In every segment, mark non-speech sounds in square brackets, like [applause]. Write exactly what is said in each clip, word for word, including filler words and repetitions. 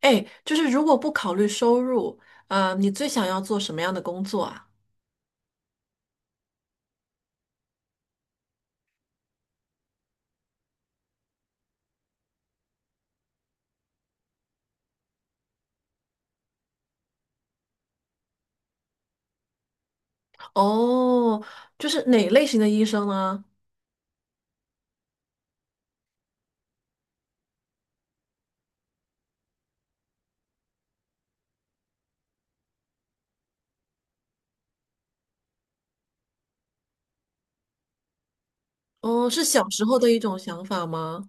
哎，就是如果不考虑收入，啊，你最想要做什么样的工作啊？哦，就是哪类型的医生呢？哦，是小时候的一种想法吗？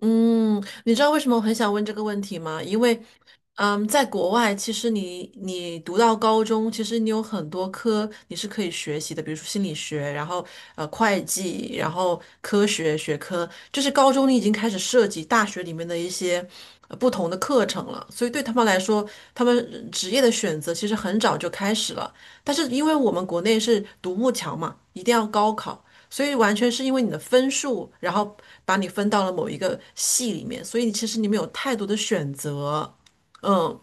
嗯，你知道为什么我很想问这个问题吗？因为，嗯，在国外，其实你你读到高中，其实你有很多科你是可以学习的，比如说心理学，然后呃会计，然后科学学科，就是高中你已经开始涉及大学里面的一些呃不同的课程了。所以对他们来说，他们呃职业的选择其实很早就开始了。但是因为我们国内是独木桥嘛，一定要高考。所以完全是因为你的分数，然后把你分到了某一个系里面，所以其实你没有太多的选择。嗯，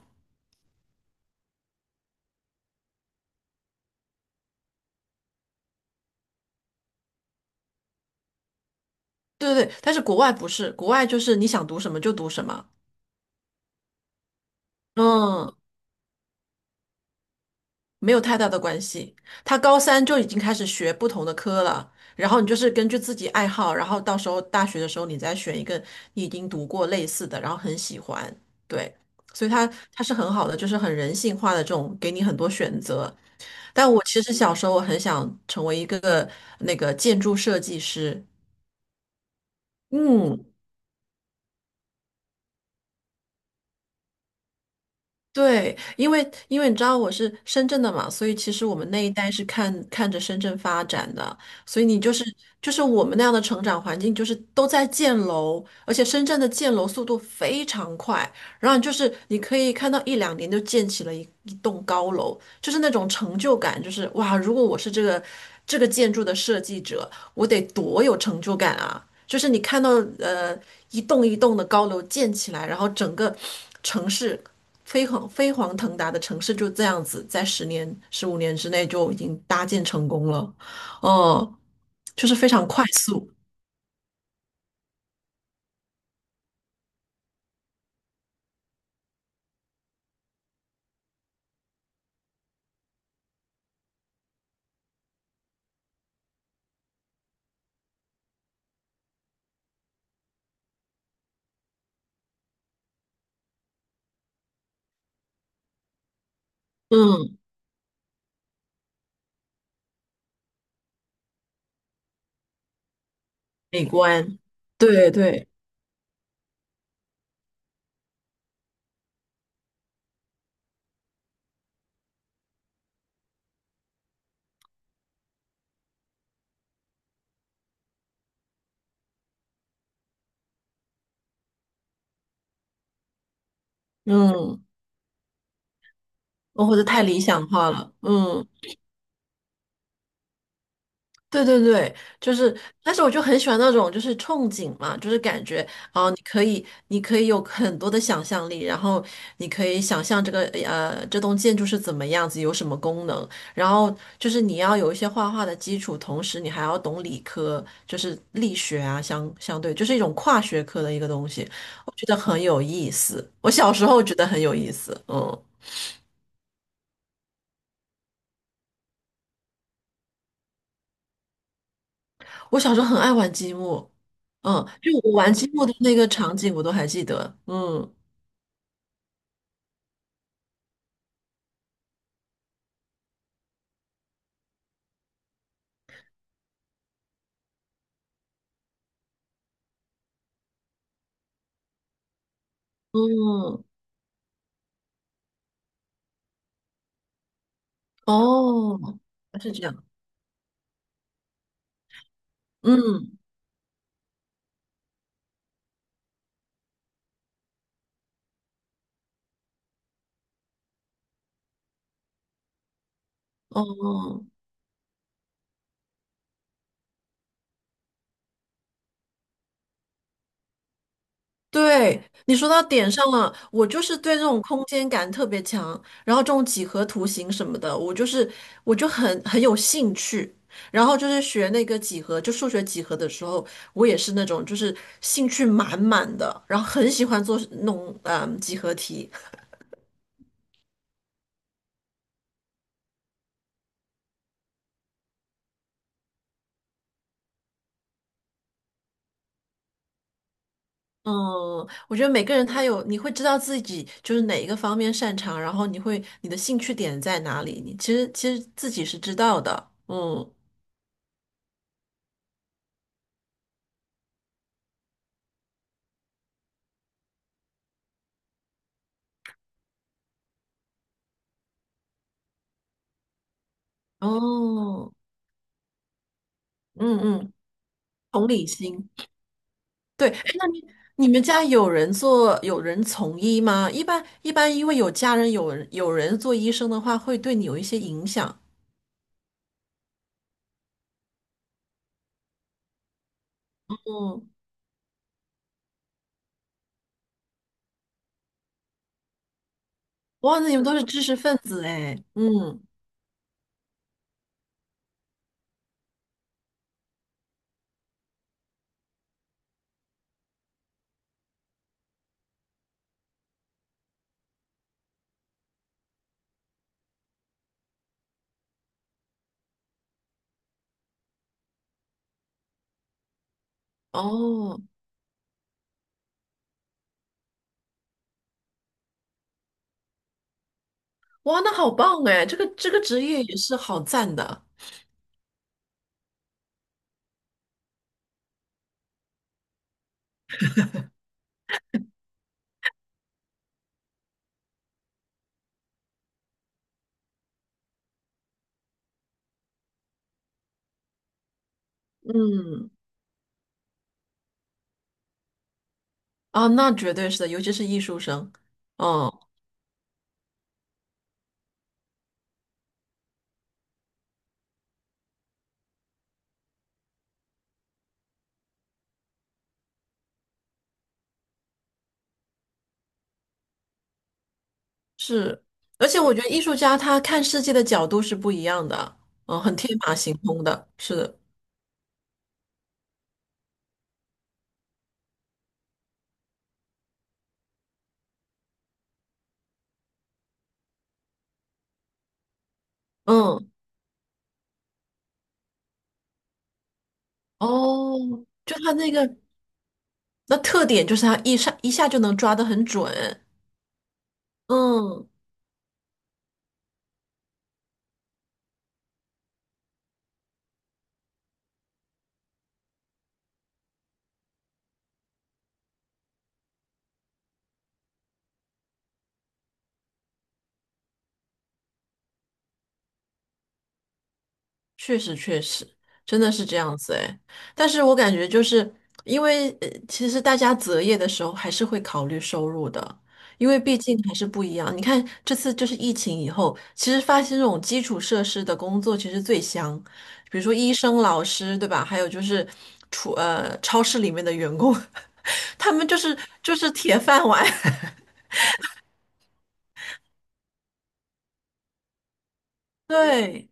对对对，但是国外不是，国外就是你想读什么就读什么，嗯，没有太大的关系。他高三就已经开始学不同的科了，然后你就是根据自己爱好，然后到时候大学的时候你再选一个你已经读过类似的，然后很喜欢，对，所以他他是很好的，就是很人性化的这种，给你很多选择。但我其实小时候我很想成为一个那个建筑设计师，嗯，对，因为因为你知道我是深圳的嘛，所以其实我们那一代是看看着深圳发展的，所以你就是就是我们那样的成长环境，就是都在建楼，而且深圳的建楼速度非常快，然后就是你可以看到一两年就建起了一一栋高楼，就是那种成就感，就是哇，如果我是这个这个建筑的设计者，我得多有成就感啊！就是你看到呃一栋一栋的高楼建起来，然后整个城市。飞黄飞黄腾达的城市就这样子，在十年、十五年之内就已经搭建成功了，嗯，就是非常快速，嗯，美观，对对，嗯，哦或者太理想化了，嗯。对对对，就是，但是我就很喜欢那种就是憧憬嘛，就是感觉啊、你可以，你可以有很多的想象力，然后你可以想象这个呃这栋建筑是怎么样子，有什么功能，然后就是你要有一些画画的基础，同时你还要懂理科，就是力学啊，相相对就是一种跨学科的一个东西，我觉得很有意思。我小时候觉得很有意思，嗯，我小时候很爱玩积木，嗯，就我玩积木的那个场景我都还记得，嗯。嗯，哦，是这样，嗯，哦，对，你说到点上了，我就是对这种空间感特别强，然后这种几何图形什么的，我就是我就很很有兴趣，然后就是学那个几何，就数学几何的时候，我也是那种就是兴趣满满的，然后很喜欢做那种嗯几何题，嗯，我觉得每个人他有，你会知道自己就是哪一个方面擅长，然后你会你的兴趣点在哪里，你其实其实自己是知道的。嗯，哦，嗯嗯，同理心。对，哎那你你们家有人做有人从医吗？一般一般，因为有家人有人有人做医生的话，会对你有一些影响。嗯，哇，那你们都是知识分子哎。嗯，哦，哇，那好棒哎，这个这个职业也是好赞的。嗯。啊，那绝对是的，尤其是艺术生，嗯，是，而且我觉得艺术家他看世界的角度是不一样的，嗯，很天马行空的，是的，嗯，哦，就他那个那特点就是他一下一下就能抓得很准，嗯，确实，确实，真的是这样子哎。但是我感觉就是因为，呃其实大家择业的时候还是会考虑收入的，因为毕竟还是不一样。你看这次就是疫情以后，其实发现这种基础设施的工作其实最香，比如说医生、老师，对吧？还有就是厨呃超市里面的员工，[laughs] 他们就是就是铁饭碗。[laughs] 对，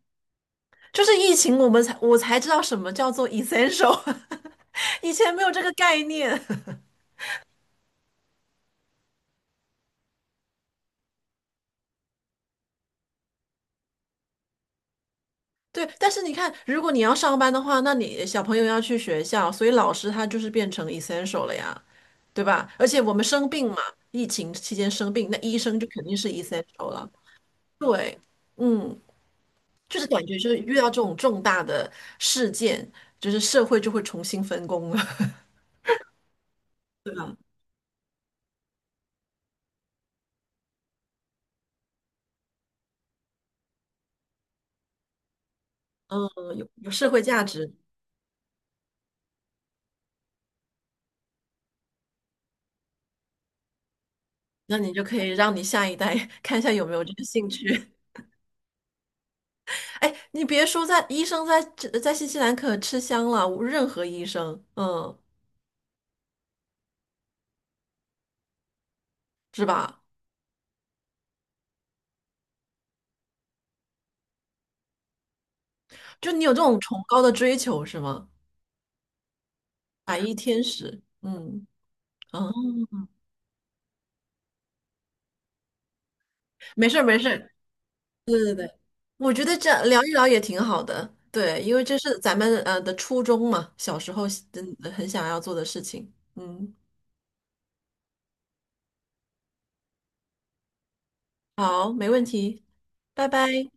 就是疫情我们才我才知道什么叫做 essential，[laughs] 以前没有这个概念。对，但是你看，如果你要上班的话，那你小朋友要去学校，所以老师他就是变成 essential 了呀，对吧？而且我们生病嘛，疫情期间生病，那医生就肯定是 essential 了。对，嗯，就是感觉就是遇到这种重大的事件，就是社会就会重新分工了，[laughs] 对吧？嗯，有有社会价值，那你就可以让你下一代 [laughs] 看一下有没有这个兴趣。[laughs] 哎，你别说在医生在这在新西兰可吃香了，任何医生，嗯。是吧？就你有这种崇高的追求是吗？白衣天使，嗯嗯，没事儿没事儿，对对对，我觉得这样聊一聊也挺好的，对，因为这是咱们呃的初衷嘛，小时候真的很想要做的事情，嗯，好，没问题，拜拜。